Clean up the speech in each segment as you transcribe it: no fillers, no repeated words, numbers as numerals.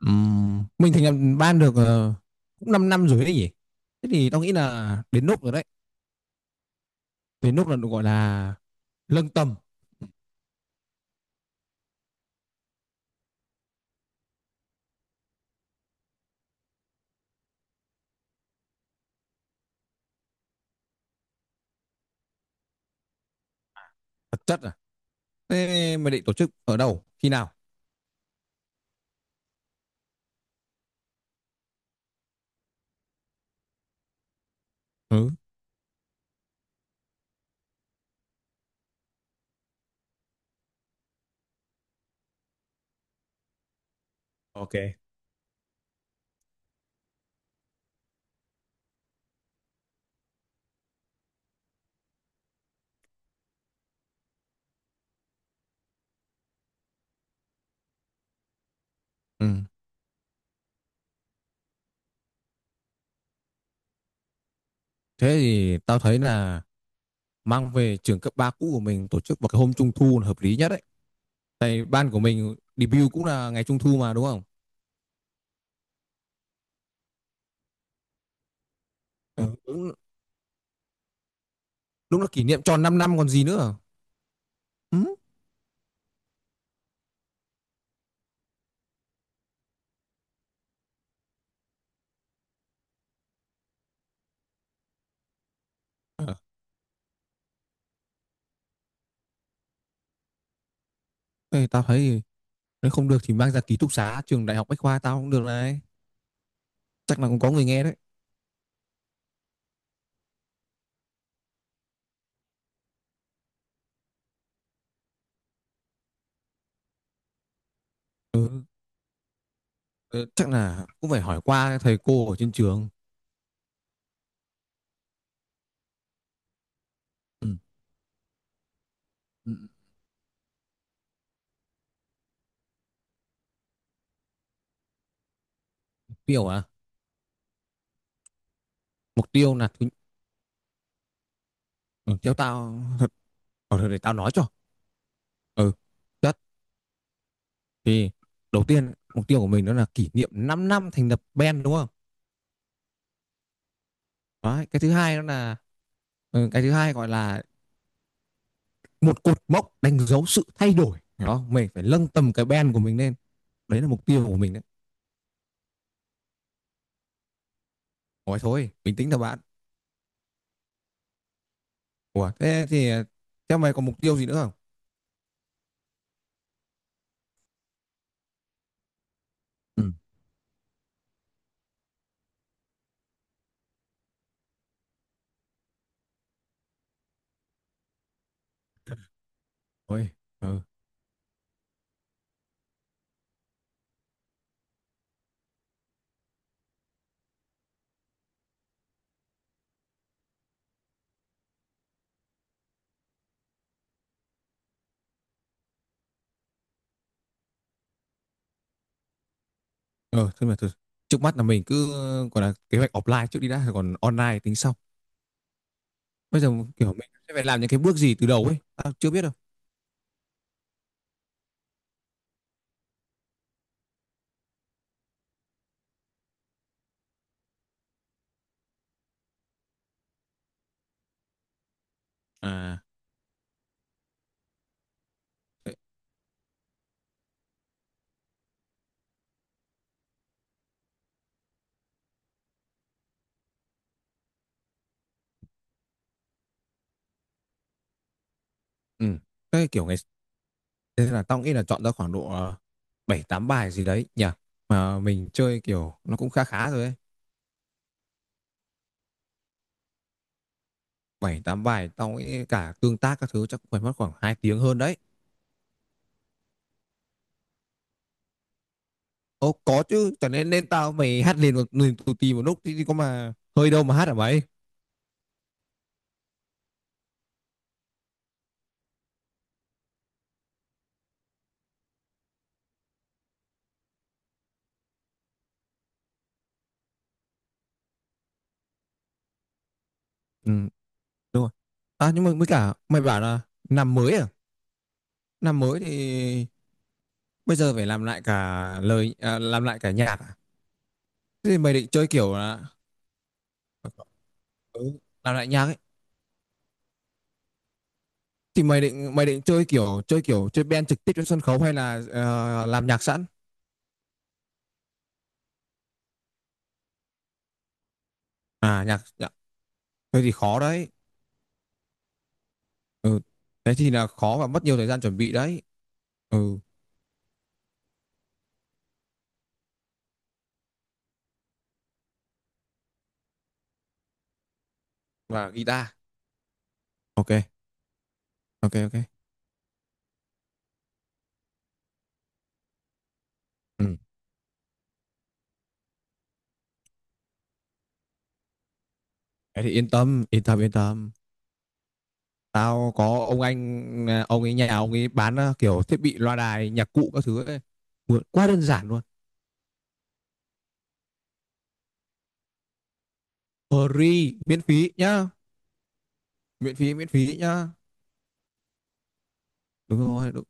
Mình thành lập ban được cũng 5 năm rồi đấy nhỉ. Thế thì tao nghĩ là đến lúc rồi đấy. Đến lúc là được gọi là lâng tầm, thực chất à. Thế mày định tổ chức ở đâu, khi nào? Ừ. Ok. Ừ. Thế thì tao thấy là mang về trường cấp 3 cũ của mình tổ chức vào cái hôm trung thu là hợp lý nhất đấy. Tại ban của mình debut cũng là ngày trung thu mà đúng không? Ừ. Đúng, đúng là kỷ niệm tròn 5 năm còn gì nữa. Ừ. Ờ, Thế tao thấy nếu không được thì mang ra ký túc xá trường đại học Bách khoa tao cũng được này. Chắc là cũng có người nghe đấy. Ừ, ừ, chắc là cũng phải hỏi qua thầy cô ở trên trường. Ừ. Ừ, tiêu à? Mục tiêu là thứ. Ừ, theo tao thật. Ờ, thôi để tao nói cho. Ừ, chất thì đầu tiên mục tiêu của mình đó là kỷ niệm 5 năm thành lập band đúng không? Đấy, cái thứ hai gọi là một cột mốc đánh dấu sự thay đổi đó mình phải nâng tầm cái band của mình lên. Đấy là mục tiêu của mình đấy. Ôi thôi bình tĩnh thôi bạn. Ủa thế thì theo mày còn mục tiêu gì nữa không? Ừ. Ôi, ừ. Ờ, trước mắt là mình cứ gọi là kế hoạch offline trước đi đã, rồi còn online tính sau. Bây giờ kiểu mình sẽ phải làm những cái bước gì từ đầu ấy, tao chưa biết đâu. À, thế- ừ. Cái kiểu ngày Thế là tao nghĩ là chọn ra khoảng độ 7 8 bài gì đấy nhỉ. Mà mình chơi kiểu nó cũng khá khá rồi ấy. 7 8 bài tao nghĩ cả tương tác các thứ chắc cũng phải mất khoảng 2 tiếng hơn đấy. Ồ có chứ, cho nên nên tao mày hát liền một liền tù tì một lúc thì có mà hơi đâu mà hát hả mày? Ừ, đúng rồi. À nhưng mà với cả mày bảo là năm mới à? Năm mới thì bây giờ phải làm lại cả lời à, làm lại cả nhạc à? Thế thì mày định chơi kiểu là ừ, làm lại nhạc ấy. Thì mày định chơi kiểu chơi band trực tiếp trên sân khấu hay là làm nhạc sẵn? À nhạc, nhạc. Thế thì khó đấy. Ừ. Thế thì là khó và mất nhiều thời gian chuẩn bị đấy. Ừ, và guitar. Ok, ok, ok. Ừ. Thế thì yên tâm, yên tâm yên tâm. Tao có ông anh à, ông ấy nhà ông ấy bán à, kiểu thiết bị loa đài, nhạc cụ các thứ ấy. Vượt quá đơn giản luôn. Free miễn phí nhá. Miễn phí miễn phí nhá. Đúng rồi đúng.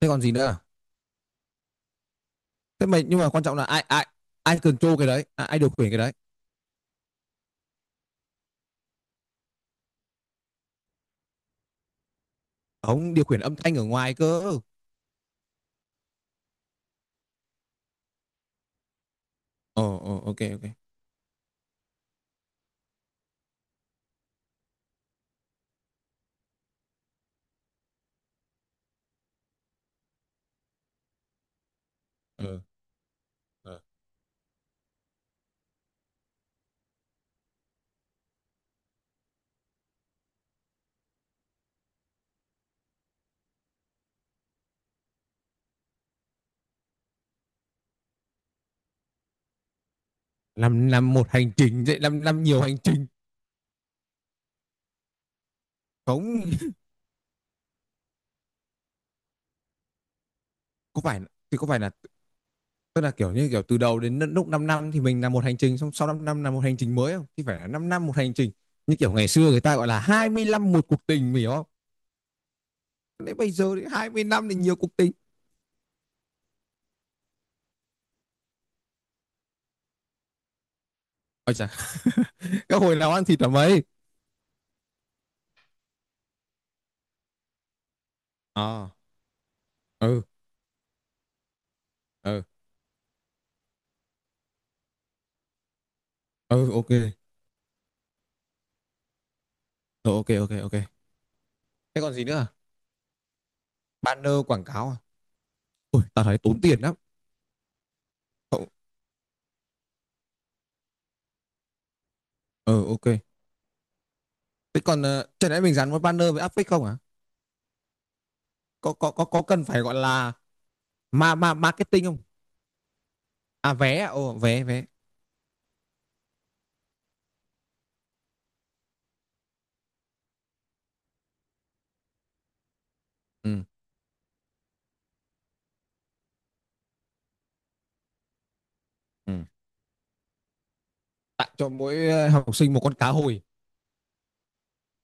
Thế còn gì nữa? Thế mình, nhưng mà quan trọng là ai ai ai control cái đấy à, ai điều khiển cái đấy? Không, điều khiển âm thanh ở ngoài cơ. Ờ, ờ, ok, ok. Ờ, ờ. Làm một hành trình vậy làm nhiều hành trình? Không, có phải có phải là, tức là kiểu như từ đầu đến lúc 5 năm thì mình làm một hành trình, xong sau 5 năm là một hành trình mới, không thì phải là 5 năm một hành trình, như kiểu ngày xưa người ta gọi là 20 năm một cuộc tình, mình hiểu không? Đấy bây giờ thì 20 năm thì nhiều cuộc tình. Ôi chà, các hồi nào ăn thịt ở mấy? À, ừ, ừ, ừ, ok, rồi. Ok, ok, ok. Thế còn gì nữa à? Banner quảng cáo à? Ôi, tao thấy tốn tiền lắm. Cậu- Ừ, ok. Thế còn chẳng lẽ mình dán một banner với áp phích không à? Có, cần phải gọi là ma ma marketing không? À vé à? Ồ, vé vé. Ừ, ừ. Tặng cho mỗi học sinh một con cá hồi,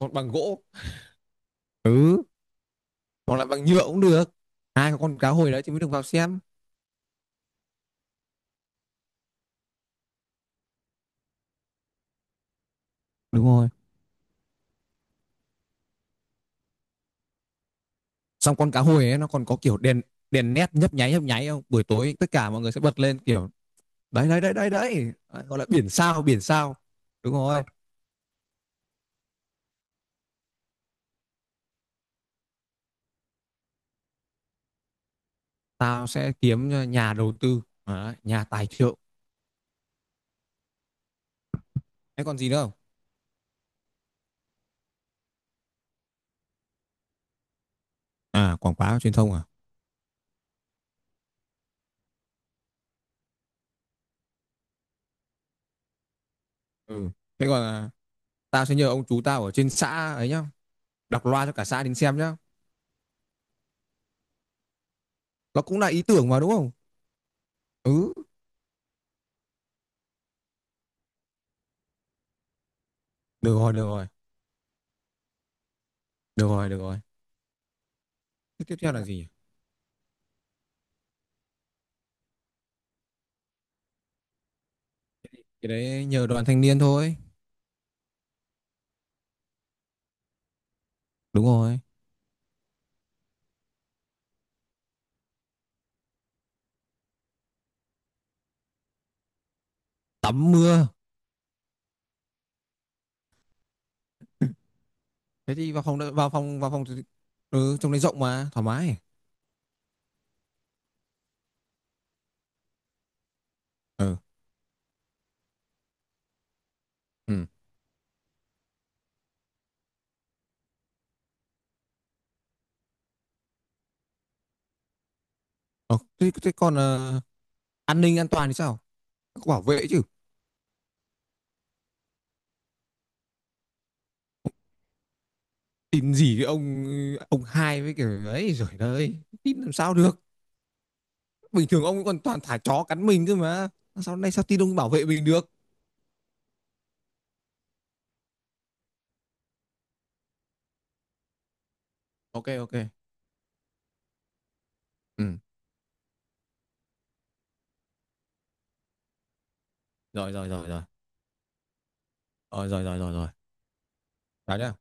một bằng gỗ. Ừ, hoặc là bằng nhựa cũng được. Ai có con cá hồi đấy thì mới được vào xem. Đúng rồi. Xong con cá hồi ấy nó còn có kiểu đèn đèn nét nhấp nháy không? Buổi tối tất cả mọi người sẽ bật lên kiểu, đấy đấy đấy đấy đấy, gọi là biển sao biển sao. Đúng rồi. Tao sẽ kiếm nhà đầu tư. Đấy, nhà tài trợ. Thế còn gì nữa không? À, quảng cáo truyền thông à? Ừ. Thế còn à, tao sẽ nhờ ông chú tao ở trên xã ấy nhá, đọc loa cho cả xã đến xem nhá. Nó cũng là ý tưởng mà đúng không? Ừ. Được rồi, được rồi, được rồi. Được rồi. Thế tiếp theo là gì? Cái đấy nhờ đoàn thanh niên thôi. Đúng rồi. Tắm mưa. Thế thì vào phòng đợi- vào phòng thì- Ừ, trong đấy rộng mà thoải mái. Ừ. Ừ. Ờ, thế còn an ninh an toàn thì sao? Có bảo vệ chứ? Tin gì cái ông hai với kiểu ấy rồi đấy, tin làm sao được. Bình thường ông ấy còn toàn thả chó cắn mình cơ mà, sao nay sao tin ông bảo vệ mình được? Ok, ok. Ừ. Rồi, rồi, rồi, rồi. Ờ, rồi, rồi, rồi, rồi. Chào nhá.